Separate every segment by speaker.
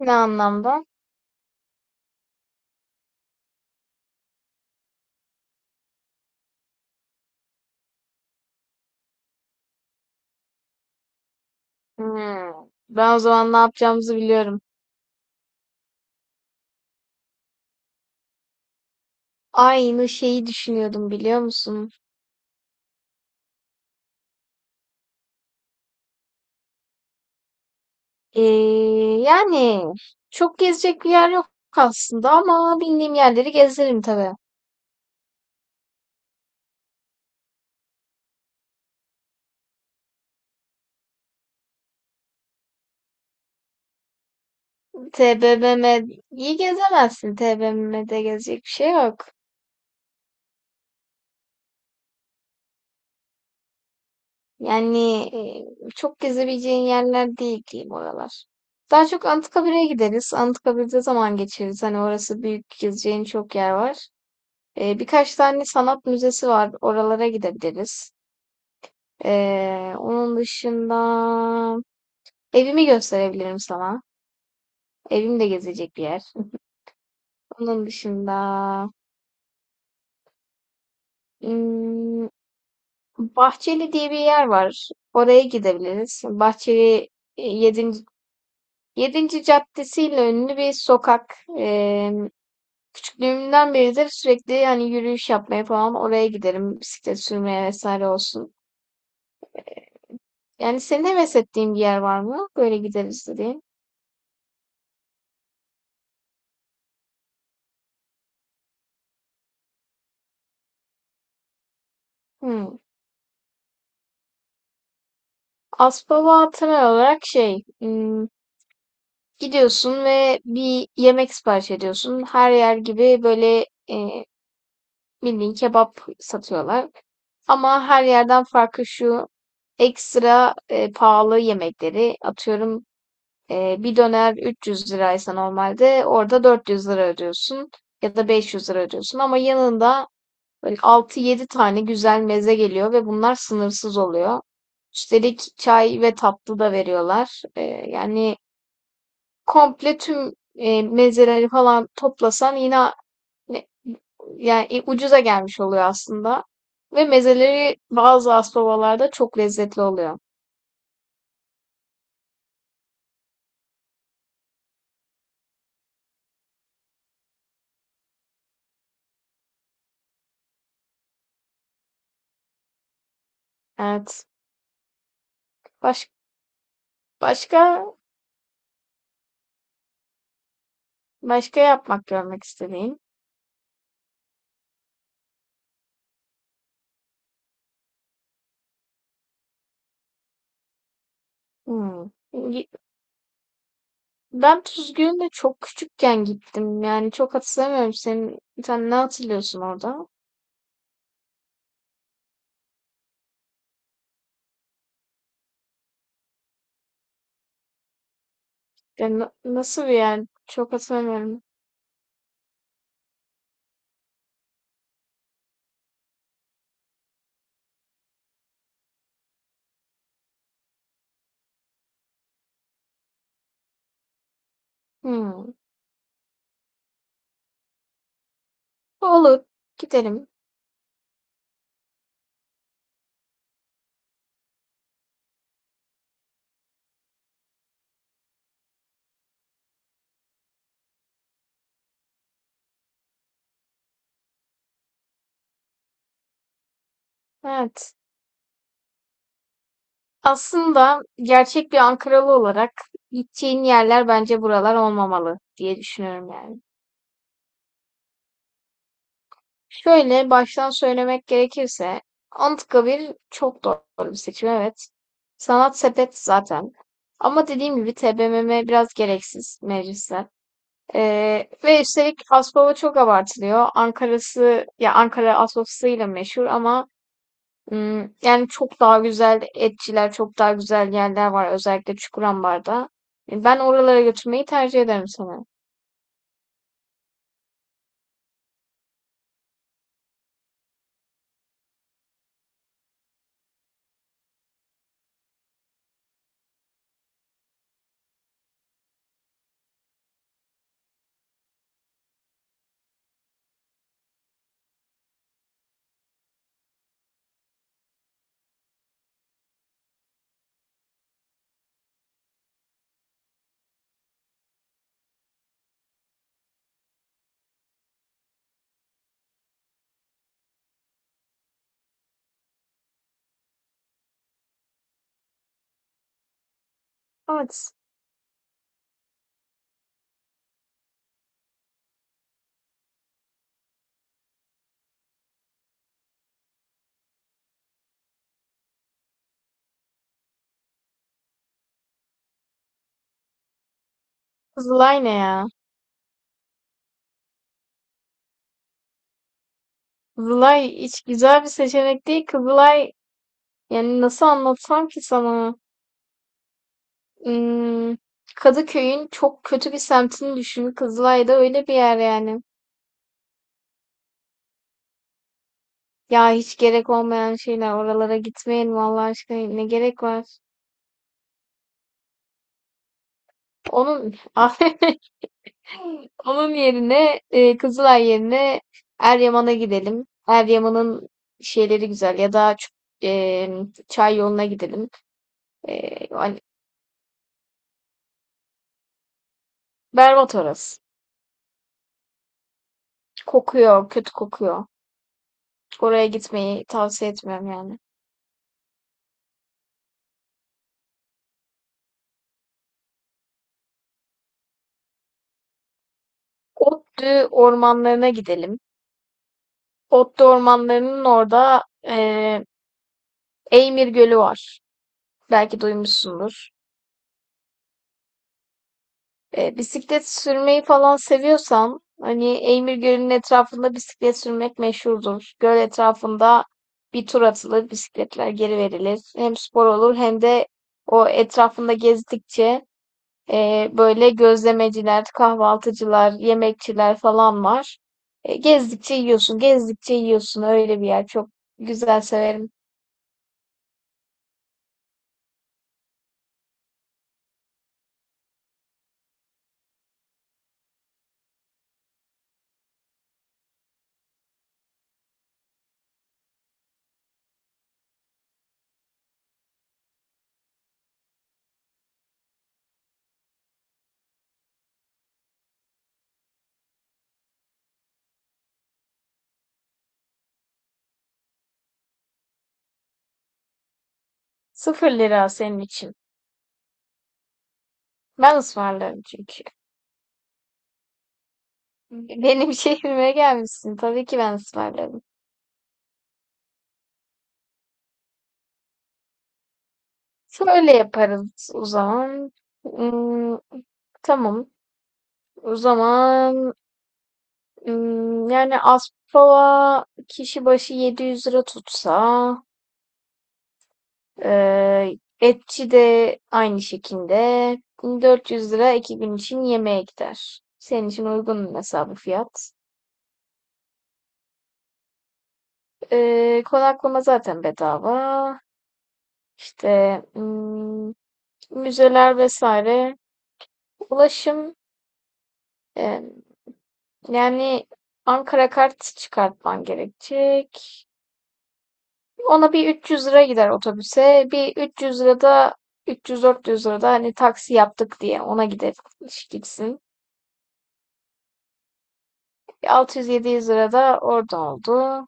Speaker 1: Ne anlamda? Hmm. Ben o zaman ne yapacağımızı biliyorum. Aynı şeyi düşünüyordum biliyor musun? Ee, yani çok gezecek bir yer yok aslında ama bildiğim yerleri gezerim tabii. TBMM'yi gezemezsin. TBMM'de gezecek bir şey yok. Yani Çok gezebileceğin yerler değil diyeyim oralar. Daha çok Anıtkabir'e gideriz. Anıtkabir'de zaman geçiririz. Hani orası büyük, gezeceğin çok yer var. Birkaç tane sanat müzesi var. Oralara gidebiliriz. Onun dışında evimi gösterebilirim sana. Evim de gezecek bir yer. Onun dışında hmm, Bahçeli diye bir yer var. Oraya gidebiliriz. Bahçeli e, yedinci yedinci caddesiyle ünlü bir sokak. Küçüklüğümden beridir sürekli yani yürüyüş yapmaya falan oraya giderim. Bisiklet sürmeye vesaire olsun. Yani senin heves ettiğin bir yer var mı? Böyle gideriz diye. Hımm. Aspava olarak gidiyorsun ve bir yemek sipariş ediyorsun. Her yer gibi böyle, bildiğin kebap satıyorlar, ama her yerden farkı şu: ekstra, pahalı yemekleri atıyorum, bir döner 300 liraysa normalde orada 400 lira ödüyorsun ya da 500 lira ödüyorsun, ama yanında böyle 6-7 tane güzel meze geliyor ve bunlar sınırsız oluyor. Üstelik çay ve tatlı da veriyorlar. Yani komple tüm mezeleri falan toplasan yine ne- yani ucuza gelmiş oluyor aslında. Ve mezeleri bazı aspabalarda çok lezzetli oluyor. Evet. Baş, başka başka yapmak, görmek istediğim. Hmm. Ben Tuzgün'e çok küçükken gittim. Yani çok hatırlamıyorum. Sen ne hatırlıyorsun orada? Nasıl bir yer? Çok hatırlamıyorum. Hmm. Olur. Gidelim. Evet. Aslında gerçek bir Ankaralı olarak gideceğin yerler bence buralar olmamalı diye düşünüyorum yani. Şöyle baştan söylemek gerekirse Anıtkabir çok doğru bir seçim, evet. Sanat sepet zaten. Ama dediğim gibi TBMM biraz gereksiz, meclisler. Ve üstelik Aspava çok abartılıyor. Ankara'sı ya, Ankara Aspava'sıyla meşhur, ama yani çok daha güzel etçiler, çok daha güzel yerler var, özellikle Çukurambar'da. Ben oralara götürmeyi tercih ederim sana. Evet. Kızılay ne ya? Kızılay hiç güzel bir seçenek değil. Kızılay, yani nasıl anlatsam ki sana? Im, Kadıköy'ün çok kötü bir semtini düşün. Kızılay da öyle bir yer yani. Ya hiç gerek olmayan şeyler. Oralara gitmeyin vallahi, aşkına. Ne gerek var? Onun onun yerine Kızılay yerine Eryaman'a gidelim. Eryaman'ın şeyleri güzel, ya da e, çay yoluna gidelim. Hani berbat orası. Kokuyor, kötü kokuyor. Oraya gitmeyi tavsiye etmiyorum yani. Ottu ormanlarına gidelim. Ottu ormanlarının orada e, Eymir Gölü var. Belki duymuşsundur. Bisiklet sürmeyi falan seviyorsan, hani Eymir Gölü'nün etrafında bisiklet sürmek meşhurdur. Göl etrafında bir tur atılır, bisikletler geri verilir. Hem spor olur, hem de o etrafında gezdikçe böyle gözlemeciler, kahvaltıcılar, yemekçiler falan var. Gezdikçe yiyorsun, gezdikçe yiyorsun. Öyle bir yer çok güzel, severim. Sıfır lira senin için. Ben ısmarlarım çünkü. Benim şehrime gelmişsin. Tabii ki ben ısmarlarım. Şöyle yaparız o zaman. Hmm, tamam. O zaman yani Aspava kişi başı 700 lira tutsa, etçi de aynı şekilde 400 lira, iki gün için yemeğe gider. Senin için uygun hesabı fiyat. Konaklama zaten bedava. İşte müzeler vesaire. Ulaşım eee Yani Ankara kart çıkartman gerekecek. Ona bir 300 lira gider otobüse. Bir 300 lira da 300-400 lira da hani taksi yaptık diye ona gider gitsin. 600-700 lira da orada oldu.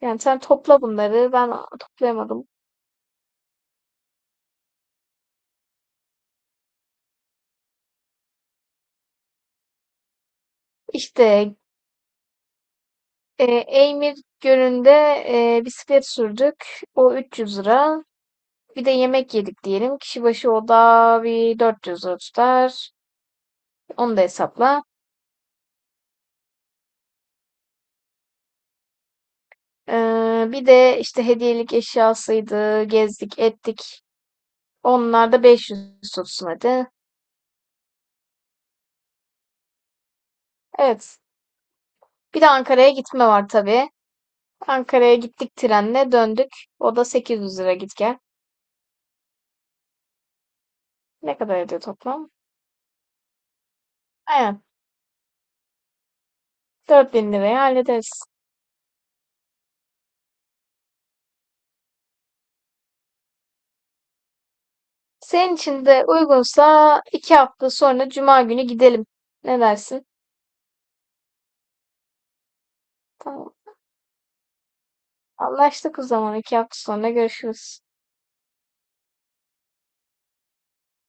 Speaker 1: Yani sen topla bunları. Ben toplayamadım. İşte Eymir Gölü'nde bisiklet sürdük. O 300 lira. Bir de yemek yedik diyelim. Kişi başı o da bir 400 lira tutar. Onu da hesapla. Bir de işte hediyelik eşyasıydı, gezdik, ettik. Onlar da 500 tutsun hadi. Evet. Bir de Ankara'ya gitme var tabii. Ankara'ya gittik, trenle döndük. O da 800 lira git gel. Ne kadar ediyor toplam? Aynen. 4.000 liraya hallederiz. Senin için de uygunsa iki hafta sonra Cuma günü gidelim. Ne dersin? Tamam. Anlaştık o zaman. İki hafta sonra görüşürüz.